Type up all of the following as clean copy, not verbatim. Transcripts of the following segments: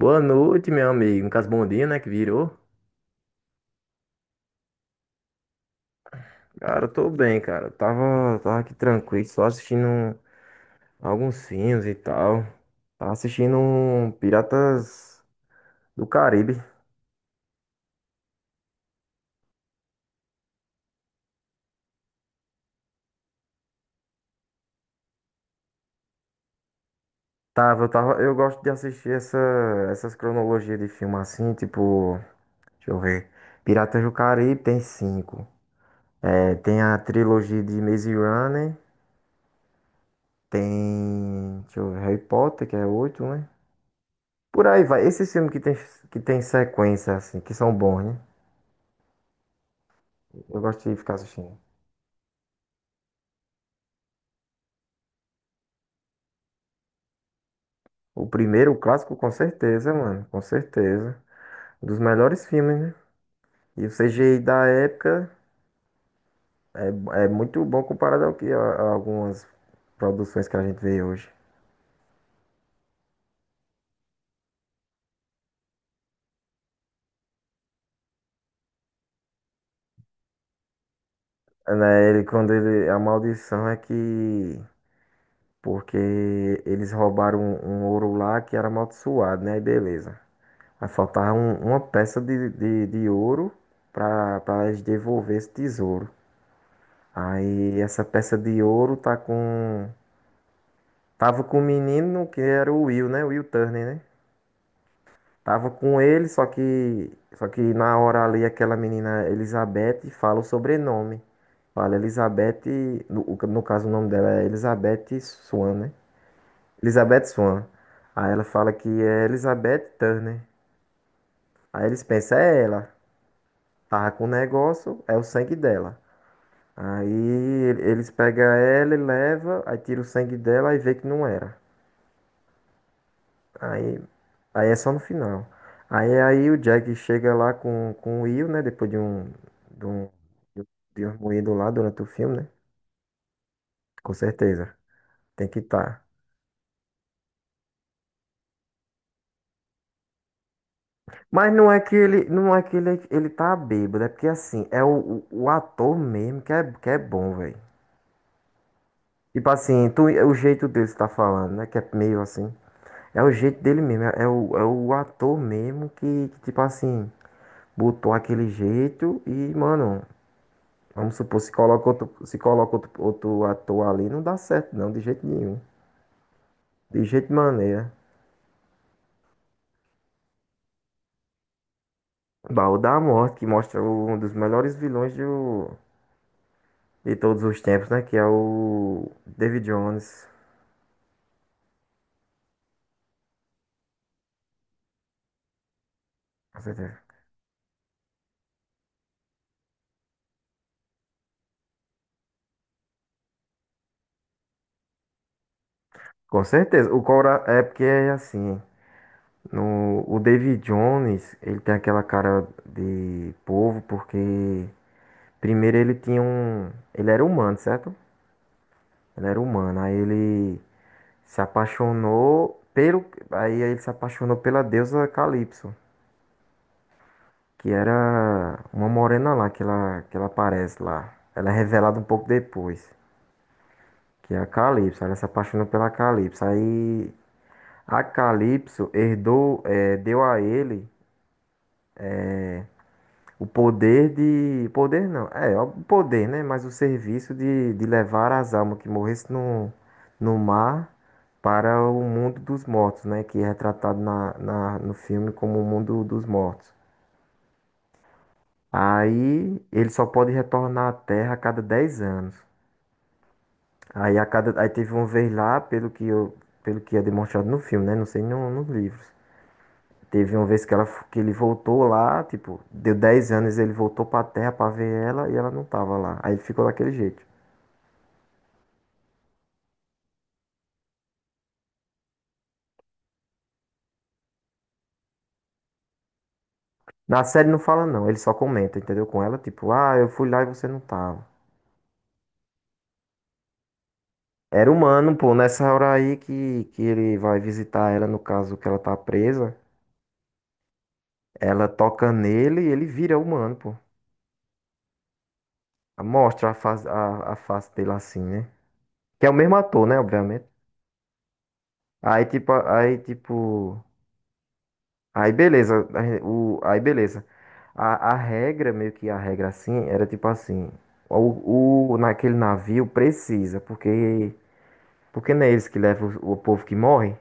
Boa noite, meu amigo. No caso, bom dia, né? Que virou. Cara, eu tô bem, cara. Eu tava aqui tranquilo, só assistindo alguns filmes e tal. Tava assistindo um Piratas do Caribe. Eu gosto de assistir essas cronologias de filme assim, tipo, deixa eu ver. Piratas do Caribe tem cinco. É, tem a trilogia de Maze Runner, tem, deixa eu ver, Harry Potter, que é oito, né? Por aí vai. Esses filmes que tem sequência, assim, que são bons, né? Eu gosto de ficar assistindo. O primeiro, o clássico, com certeza, mano. Com certeza. Um dos melhores filmes, né? E o CGI da época é muito bom comparado ao que a algumas produções que a gente vê hoje. É, né? Ele, quando ele, a maldição é que. Porque eles roubaram um ouro lá que era amaldiçoado, né? Aí beleza. Aí faltava uma peça de ouro pra eles devolver esse tesouro. Aí essa peça de ouro tá com. Tava com o menino que era o Will, né? O Will Turner, né? Tava com ele, só que na hora ali aquela menina Elizabeth fala o sobrenome. Fala Elizabeth, no caso o nome dela é Elizabeth Swan, né? Elizabeth Swan. Aí ela fala que é Elizabeth Turner. Aí eles pensam, é ela. Tava com o negócio, é o sangue dela. Aí eles pegam ela e leva, aí tira o sangue dela e vê que não era. Aí, aí é só no final. Aí o Jack chega lá com o Will, né? Depois de um, de um moído lá durante o filme, né? Com certeza. Tem que estar. Mas não é que ele, ele tá bêbado, é porque assim, é o ator mesmo que é bom, velho. Tipo assim, tu, é o jeito dele que você tá falando, né? Que é meio assim. É o jeito dele mesmo, é o ator mesmo que, tipo assim, botou aquele jeito e, mano, vamos supor, se coloca outro, outro ator ali, não dá certo, não, de jeito nenhum. De jeito de maneira. Baú da Morte, que mostra um dos melhores vilões de todos os tempos, né? Que é o David Jones. Com certeza. Com certeza. O Cora é porque é assim. No, o David Jones, ele tem aquela cara de povo, porque primeiro ele tinha um. Ele era humano, certo? Ele era humano. Aí ele se apaixonou pelo. Aí ele se apaixonou pela deusa Calypso, que era uma morena lá que ela aparece lá. Ela é revelada um pouco depois, que é a Calypso. Ela se apaixonou pela Calypso. Aí a Calypso herdou, deu a ele o poder de. Poder não, é, o poder, né? Mas o serviço de levar as almas que morressem no mar para o mundo dos mortos, né? Que é retratado no filme como o mundo dos mortos. Aí ele só pode retornar à Terra a cada 10 anos. Aí, a cada, aí teve uma vez lá, pelo que é demonstrado no filme, né? Não sei no, nos livros. Teve uma vez que, ela, que ele voltou lá, tipo, deu 10 anos, ele voltou pra Terra pra ver ela e ela não tava lá. Aí ficou daquele jeito. Na série não fala não, ele só comenta, entendeu? Com ela, tipo, ah, eu fui lá e você não tava. Era humano, pô, nessa hora aí que ele vai visitar ela, no caso que ela tá presa, ela toca nele e ele vira humano, pô. Mostra a face, a face dele assim, né? Que é o mesmo ator, né, obviamente. Aí, tipo, aí beleza, aí beleza. A regra, meio que a regra assim, era tipo assim, naquele navio precisa, porque não é eles que levam o povo que morre.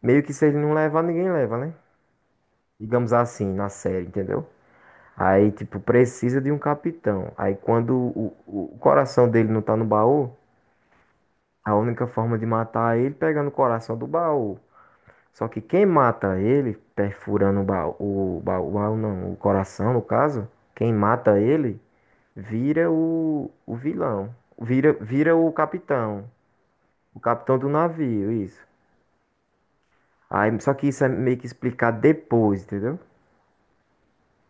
Meio que se eles não levar, ninguém leva, né? Digamos assim, na série, entendeu? Aí, tipo, precisa de um capitão. Aí quando o coração dele não tá no baú, a única forma de matar ele é pegando o coração do baú. Só que quem mata ele, perfurando o baú, o baú, o baú não, o coração no caso, quem mata ele vira o vilão, vira o capitão do navio, isso. Aí, só que isso é meio que explicado depois, entendeu?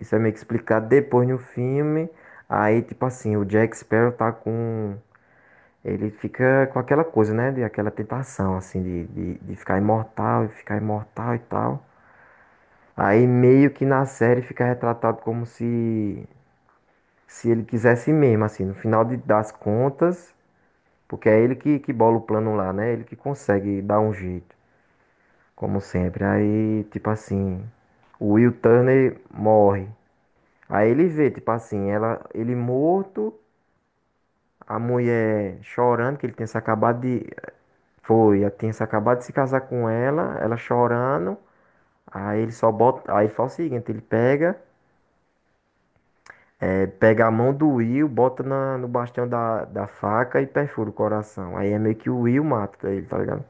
Isso é meio que explicado depois no filme. Aí, tipo assim, o Jack Sparrow tá com. Ele fica com aquela coisa, né? De aquela tentação, assim, de ficar imortal e tal. Aí meio que na série fica retratado como se ele quisesse mesmo, assim, no final das contas, porque é ele que bola o plano lá, né? Ele que consegue dar um jeito, como sempre. Aí, tipo assim, o Will Turner morre. Aí ele vê, tipo assim, ela, ele morto, a mulher chorando, que ele tinha se acabado de. Foi, ela tinha se acabado de se casar com ela, ela chorando. Aí ele só bota. Aí ele faz o seguinte, ele pega. Pega a mão do Will, bota no bastião da faca e perfura o coração. Aí é meio que o Will mata ele, tá ligado?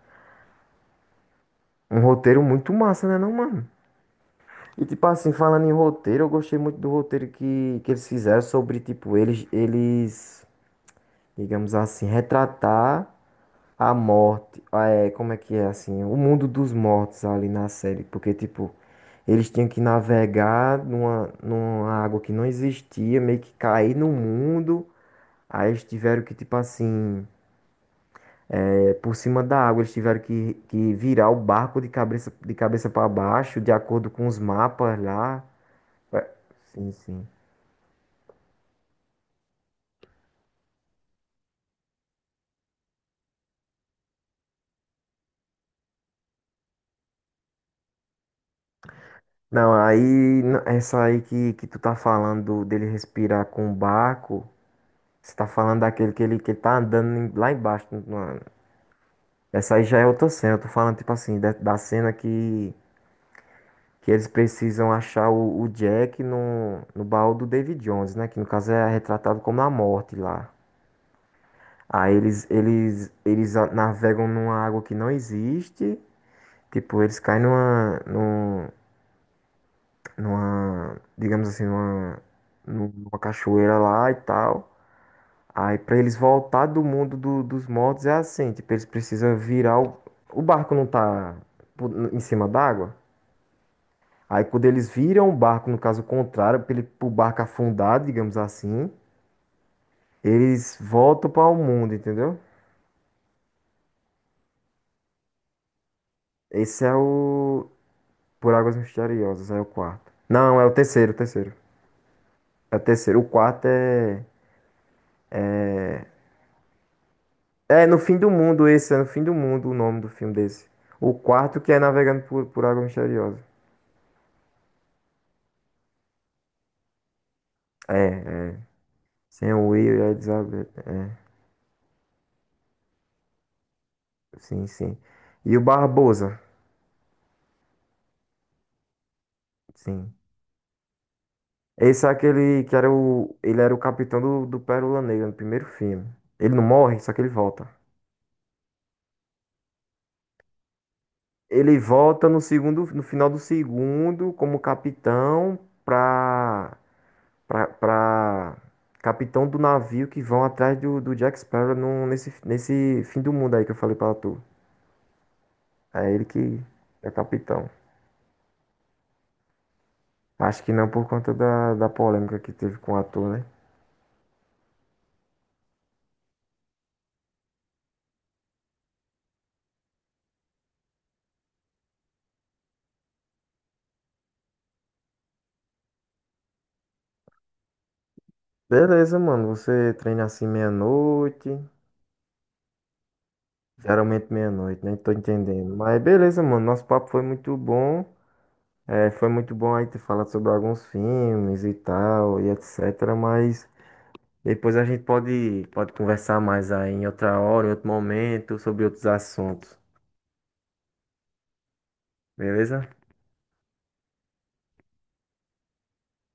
Um roteiro muito massa, né, não, mano? E tipo assim, falando em roteiro, eu gostei muito do roteiro que eles fizeram sobre, tipo, eles, digamos assim, retratar a morte. É, como é que é assim? O mundo dos mortos ali na série. Porque, tipo, eles tinham que navegar numa água que não existia, meio que cair no mundo. Aí eles tiveram que, tipo assim, é, por cima da água, eles tiveram que virar o barco de cabeça para baixo, de acordo com os mapas lá. Ué, sim, sim. Não, aí, essa aí que tu tá falando dele respirar com o barco, você tá falando daquele que ele tá andando lá embaixo. Essa aí já é outra cena. Eu tô falando, tipo assim, da cena que eles precisam achar o Jack no baú do David Jones, né? Que no caso é retratado como a morte lá. Aí eles navegam numa água que não existe. Tipo, eles caem numa, digamos assim, numa cachoeira lá e tal. Aí pra eles voltar do mundo dos mortos é assim, tipo, eles precisam virar o barco não tá em cima d'água. Aí quando eles viram o barco, no caso contrário, pra ele, pro barco afundar, digamos assim, eles voltam para o mundo, entendeu? Esse é o Por Águas Misteriosas, é o quarto. Não, é o terceiro, o terceiro. É o terceiro. O quarto é. É no fim do mundo esse, é no fim do mundo o nome do filme desse. O quarto que é Navegando por, Águas Misteriosas. É, é. Sem o Will e a Elizabeth. Sim, sim. E o Barbosa, sim. Esse é aquele que era o. Ele era o capitão do Pérola Negra no primeiro filme. Ele não morre, só que ele volta. Ele volta no segundo, no final do segundo, como capitão, pra pra capitão do navio que vão atrás do Jack Sparrow nesse, nesse fim do mundo aí que eu falei pra tu. É ele que é capitão. Acho que não por conta da polêmica que teve com o ator, né? Beleza, mano. Você treina assim meia-noite. Geralmente meia-noite, né? Tô entendendo. Mas beleza, mano. Nosso papo foi muito bom. É, foi muito bom aí ter falado sobre alguns filmes e tal, e etc. Mas depois a gente pode conversar mais aí em outra hora, em outro momento, sobre outros assuntos. Beleza?